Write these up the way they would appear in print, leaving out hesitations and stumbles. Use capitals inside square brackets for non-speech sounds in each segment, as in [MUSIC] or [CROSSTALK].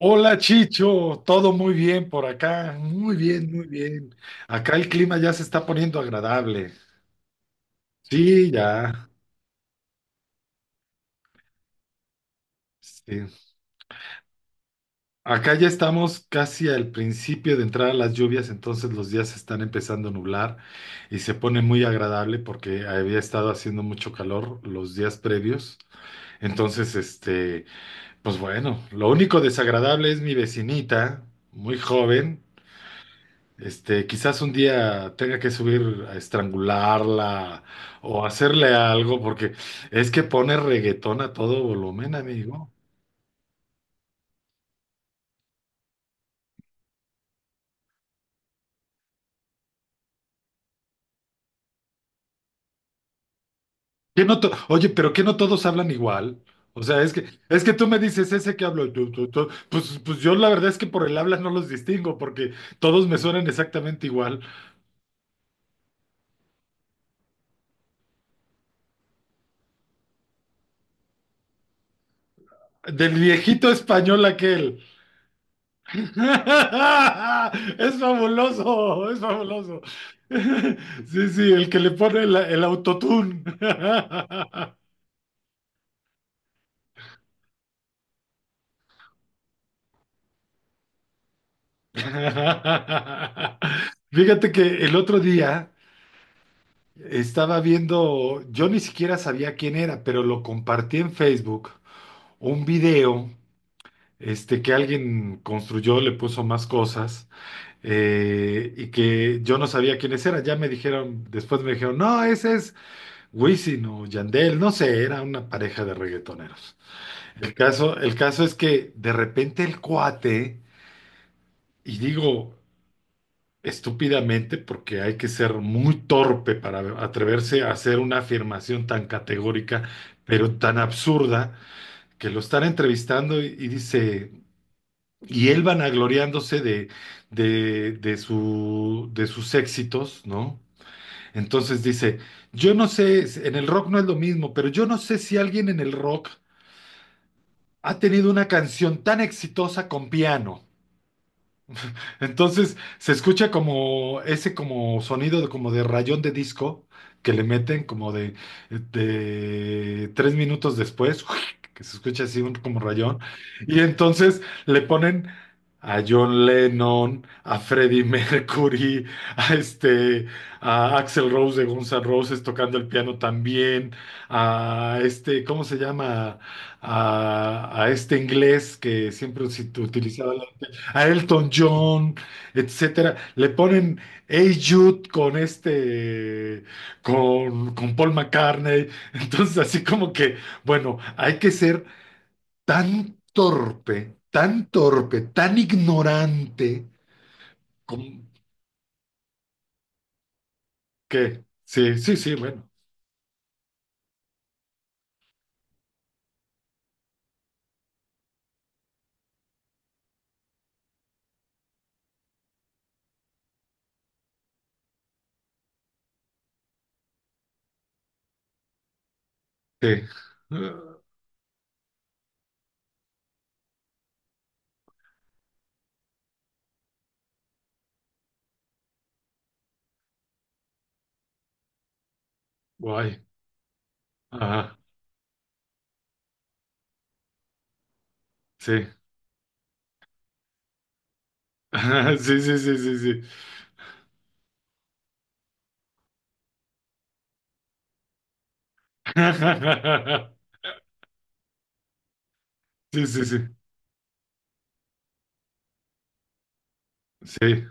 Hola Chicho, todo muy bien por acá, muy bien, muy bien. Acá el clima ya se está poniendo agradable. Sí, ya. Sí. Acá ya estamos casi al principio de entrar a las lluvias, entonces los días se están empezando a nublar y se pone muy agradable porque había estado haciendo mucho calor los días previos. Entonces, pues bueno, lo único desagradable es mi vecinita, muy joven. Quizás un día tenga que subir a estrangularla o hacerle algo, porque es que pone reggaetón a todo volumen, amigo. Que no to- Oye, pero que no todos hablan igual. O sea, es que tú me dices ese que hablo, tú, tú, tú. Pues yo la verdad es que por el habla no los distingo, porque todos me suenan exactamente igual. Del viejito español aquel. [LAUGHS] Es fabuloso, es fabuloso. [LAUGHS] Sí, sí, el que le pone el autotune. [LAUGHS] Fíjate que el otro día estaba viendo, yo ni siquiera sabía quién era, pero lo compartí en Facebook, un video que alguien construyó, le puso más cosas, y que yo no sabía quiénes eran. Ya me dijeron, después me dijeron, no, ese es Wisin o Yandel, no sé, era una pareja de reggaetoneros. El caso es que de repente el cuate, y digo estúpidamente porque hay que ser muy torpe para atreverse a hacer una afirmación tan categórica, pero tan absurda, que lo están entrevistando y dice, y él vanagloriándose de sus éxitos, ¿no? Entonces dice, yo no sé, en el rock no es lo mismo, pero yo no sé si alguien en el rock ha tenido una canción tan exitosa con piano. Entonces se escucha como ese como sonido de, como de rayón de disco que le meten como de tres minutos después, [LAUGHS] que se escucha así un, como rayón. Y entonces le ponen a John Lennon, a Freddie [LAUGHS] Mercury, a este, a Axl Rose de Guns N' Roses tocando el piano también, a este, ¿cómo se llama? A este inglés que siempre utilizaba, a Elton John, etcétera. Le ponen Hey Jude con con Paul McCartney. [LAUGHS] Entonces, así como que, bueno, hay que ser tan torpe, tan torpe, tan ignorante, con, que sí, sí, sí, bueno, sí. Ah, Guay. Ajá, sí. [LAUGHS] Sí, sí, sí, sí, sí. [LAUGHS] Sí, sí, sí. Sí.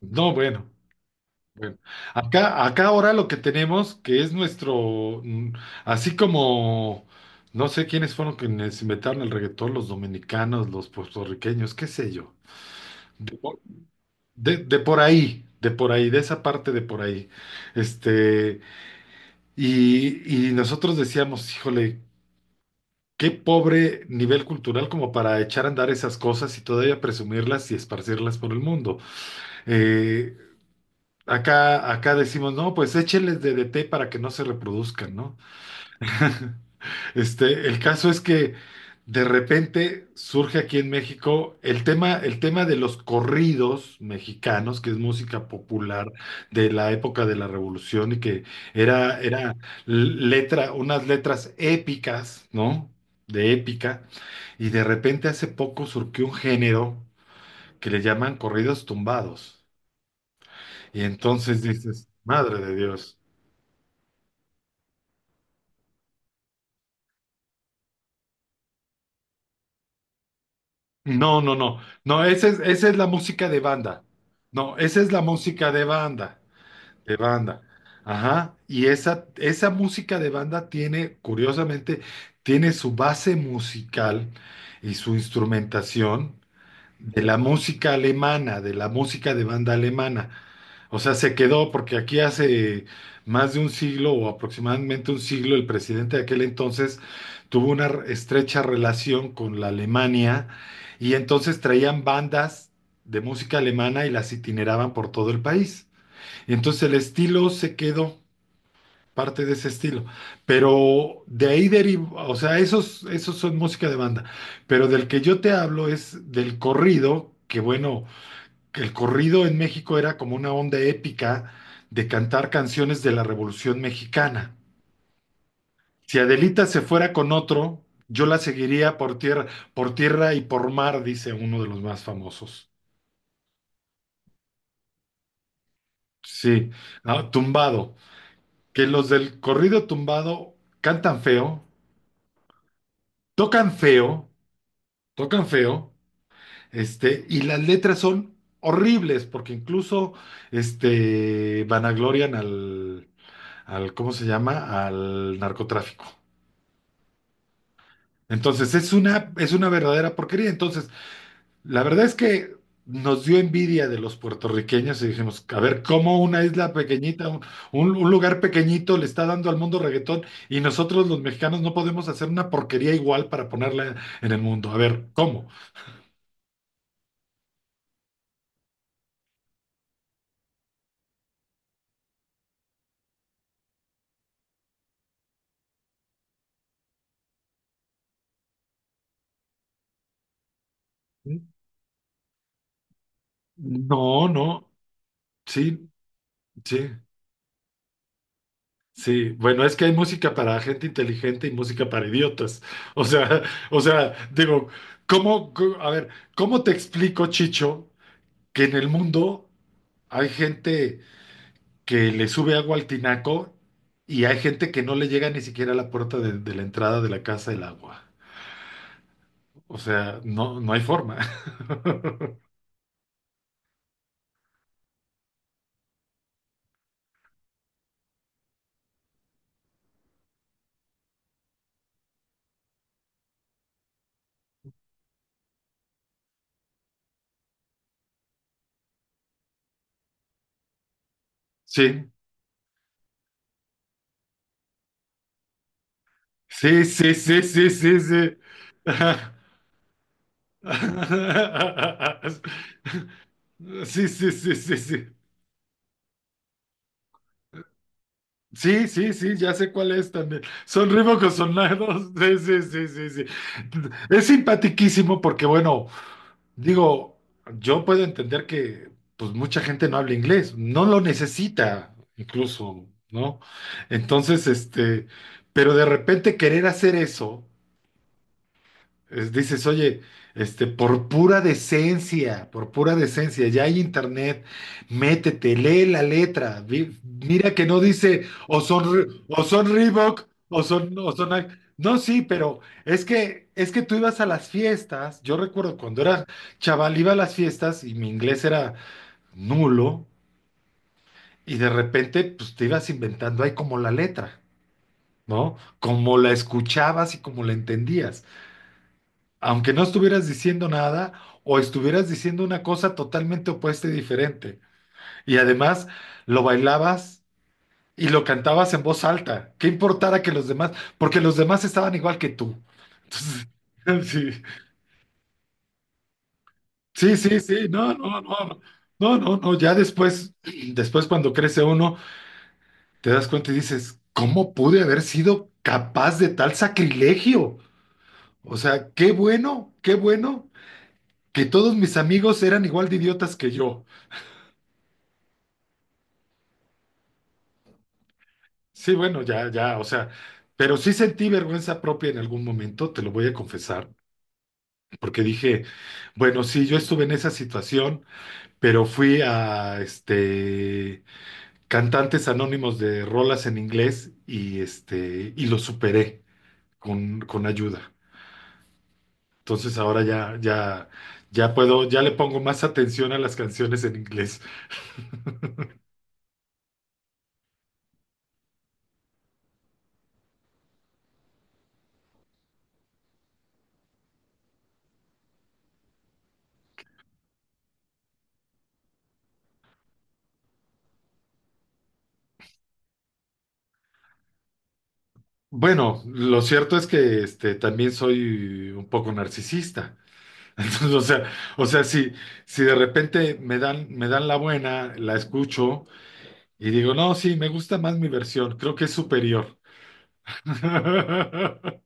No, bueno. Bueno, acá ahora lo que tenemos, que es nuestro, así como, no sé quiénes fueron quienes inventaron el reggaetón, los dominicanos, los puertorriqueños, qué sé yo. De por ahí, de por ahí, de esa parte de por ahí. Este, y nosotros decíamos, híjole, qué pobre nivel cultural como para echar a andar esas cosas y todavía presumirlas y esparcirlas por el mundo. Eh, acá decimos, no, pues écheles de DDT para que no se reproduzcan, ¿no? [LAUGHS] El caso es que de repente surge aquí en México el tema de los corridos mexicanos, que es música popular de la época de la Revolución y que era letra, unas letras épicas, ¿no? De épica. Y de repente hace poco surgió un género que le llaman corridos tumbados. Y entonces dices, madre de Dios. No, no, no. No, esa es la música de banda. No, esa es la música de banda, de banda. Ajá. Y esa música de banda tiene, curiosamente, tiene su base musical y su instrumentación de la música alemana, de la música de banda alemana. O sea, se quedó porque aquí hace más de un siglo o aproximadamente un siglo el presidente de aquel entonces tuvo una estrecha relación con la Alemania y entonces traían bandas de música alemana y las itineraban por todo el país. Y entonces el estilo se quedó, parte de ese estilo, pero de ahí derivó, o sea, esos son música de banda, pero del que yo te hablo es del corrido, que bueno el corrido en México era como una onda épica de cantar canciones de la Revolución Mexicana. Si Adelita se fuera con otro, yo la seguiría por tierra y por mar, dice uno de los más famosos. Sí, ah, tumbado. Que los del corrido tumbado cantan feo, tocan feo, tocan feo, y las letras son horribles, porque incluso vanaglorian al, ¿cómo se llama? Al narcotráfico. Entonces es una, verdadera porquería. Entonces, la verdad es que nos dio envidia de los puertorriqueños y dijimos, a ver, ¿cómo una isla pequeñita, un lugar pequeñito le está dando al mundo reggaetón y nosotros los mexicanos no podemos hacer una porquería igual para ponerla en el mundo? A ver, ¿cómo? No, no, sí, sí, sí. Bueno, es que hay música para gente inteligente y música para idiotas. O sea, o sea, digo, a ver, ¿cómo te explico, Chicho? Que en el mundo hay gente que le sube agua al tinaco y hay gente que no le llega ni siquiera a la puerta de la entrada de la casa el agua. O sea, no, no hay forma. [LAUGHS] Sí, sí, sí, sí, sí, sí, sí. [LAUGHS] Sí, sí, sí, sí, sí. Sí, sí, sí, ya sé cuál es también. Son ribocosonados. [LAUGHS] Sí, sí, sí, sí, sí. Es simpatiquísimo porque, bueno, digo, yo puedo entender que pues mucha gente no habla inglés, no lo necesita incluso, ¿no? Entonces, pero de repente querer hacer eso. Dices, oye, por pura decencia, ya hay internet, métete, lee la letra, mira que no dice o son, o son Reebok, o son Nike. No, sí, pero es que tú ibas a las fiestas, yo recuerdo cuando era chaval, iba a las fiestas y mi inglés era nulo y de repente pues te ibas inventando ahí como la letra, ¿no? Como la escuchabas y como la entendías, aunque no estuvieras diciendo nada o estuvieras diciendo una cosa totalmente opuesta y diferente. Y además lo bailabas y lo cantabas en voz alta. ¿Qué importara que los demás, porque los demás estaban igual que tú? Entonces, [LAUGHS] sí, sí, sí, sí, no, no, no, no, no, no, ya después, cuando crece uno, te das cuenta y dices, ¿cómo pude haber sido capaz de tal sacrilegio? O sea, qué bueno que todos mis amigos eran igual de idiotas que yo. Sí, bueno, ya, ya, o sea, pero sí sentí vergüenza propia en algún momento, te lo voy a confesar, porque dije, bueno, sí, yo estuve en esa situación, pero fui a, cantantes anónimos de rolas en inglés y, y lo superé con ayuda. Entonces ahora ya puedo, ya le pongo más atención a las canciones en inglés. Bueno, lo cierto es que, también soy un poco narcisista. [LAUGHS] Entonces, o sea, si de repente me dan la buena, la escucho y digo, no, sí, me gusta más mi versión, creo que es superior. [LAUGHS]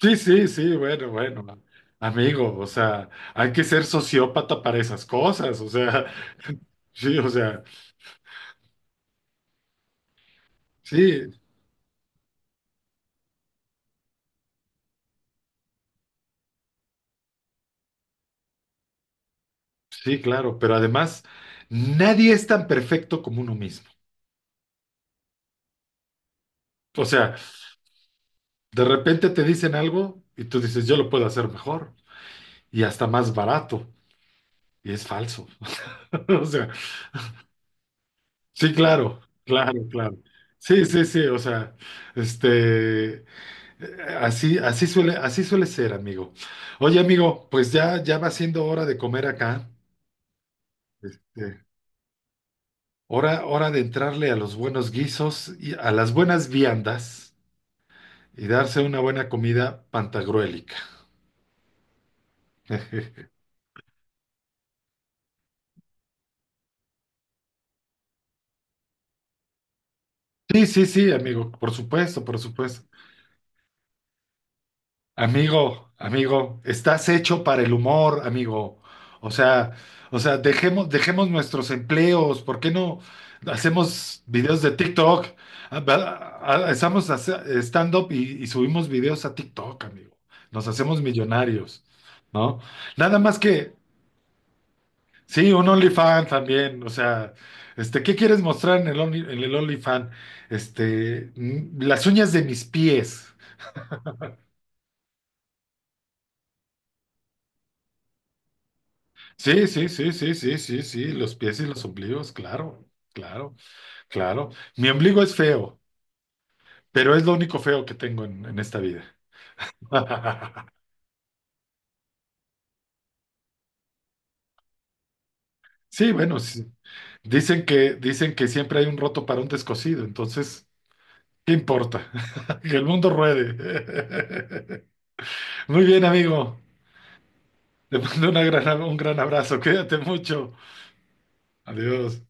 Sí, sí, sí, bueno, bueno, amigo, o sea, hay que ser sociópata para esas cosas, o sea, [LAUGHS] sí, o sea, sí, sí, claro, pero además, nadie es tan perfecto como uno mismo. O sea, de repente te dicen algo y tú dices, yo lo puedo hacer mejor y hasta más barato, y es falso. [LAUGHS] O sea, sí, claro, claro, claro. Sí, sí, sí, o sea, este, eh, así suele ser, amigo. Oye, amigo, pues ya va siendo hora de comer acá. Este, hora de entrarle a los buenos guisos y a las buenas viandas y darse una buena comida pantagruélica. [LAUGHS] Sí, sí, sí, amigo, por supuesto, por supuesto. Amigo, amigo, estás hecho para el humor, amigo. O sea, dejemos nuestros empleos. ¿Por qué no hacemos videos de TikTok? Ah, va- ah, ah, Estamos hace- Stand-up y subimos videos a TikTok, amigo. Nos hacemos millonarios, ¿no? Nada más que, sí, un OnlyFans también. O sea, ¿qué quieres mostrar en el OnlyFans? Las uñas de mis pies. Sí, sí, sí, sí, sí, sí, sí, los pies y los ombligos, claro, claro, claro. Mi ombligo es feo, pero es lo único feo que tengo en esta vida. [LAUGHS] Sí, bueno, sí. Dicen que siempre hay un roto para un descosido, entonces, ¿qué importa? [LAUGHS] Que el mundo ruede. [LAUGHS] Muy bien, amigo. Te mando un gran abrazo. Cuídate mucho. Adiós.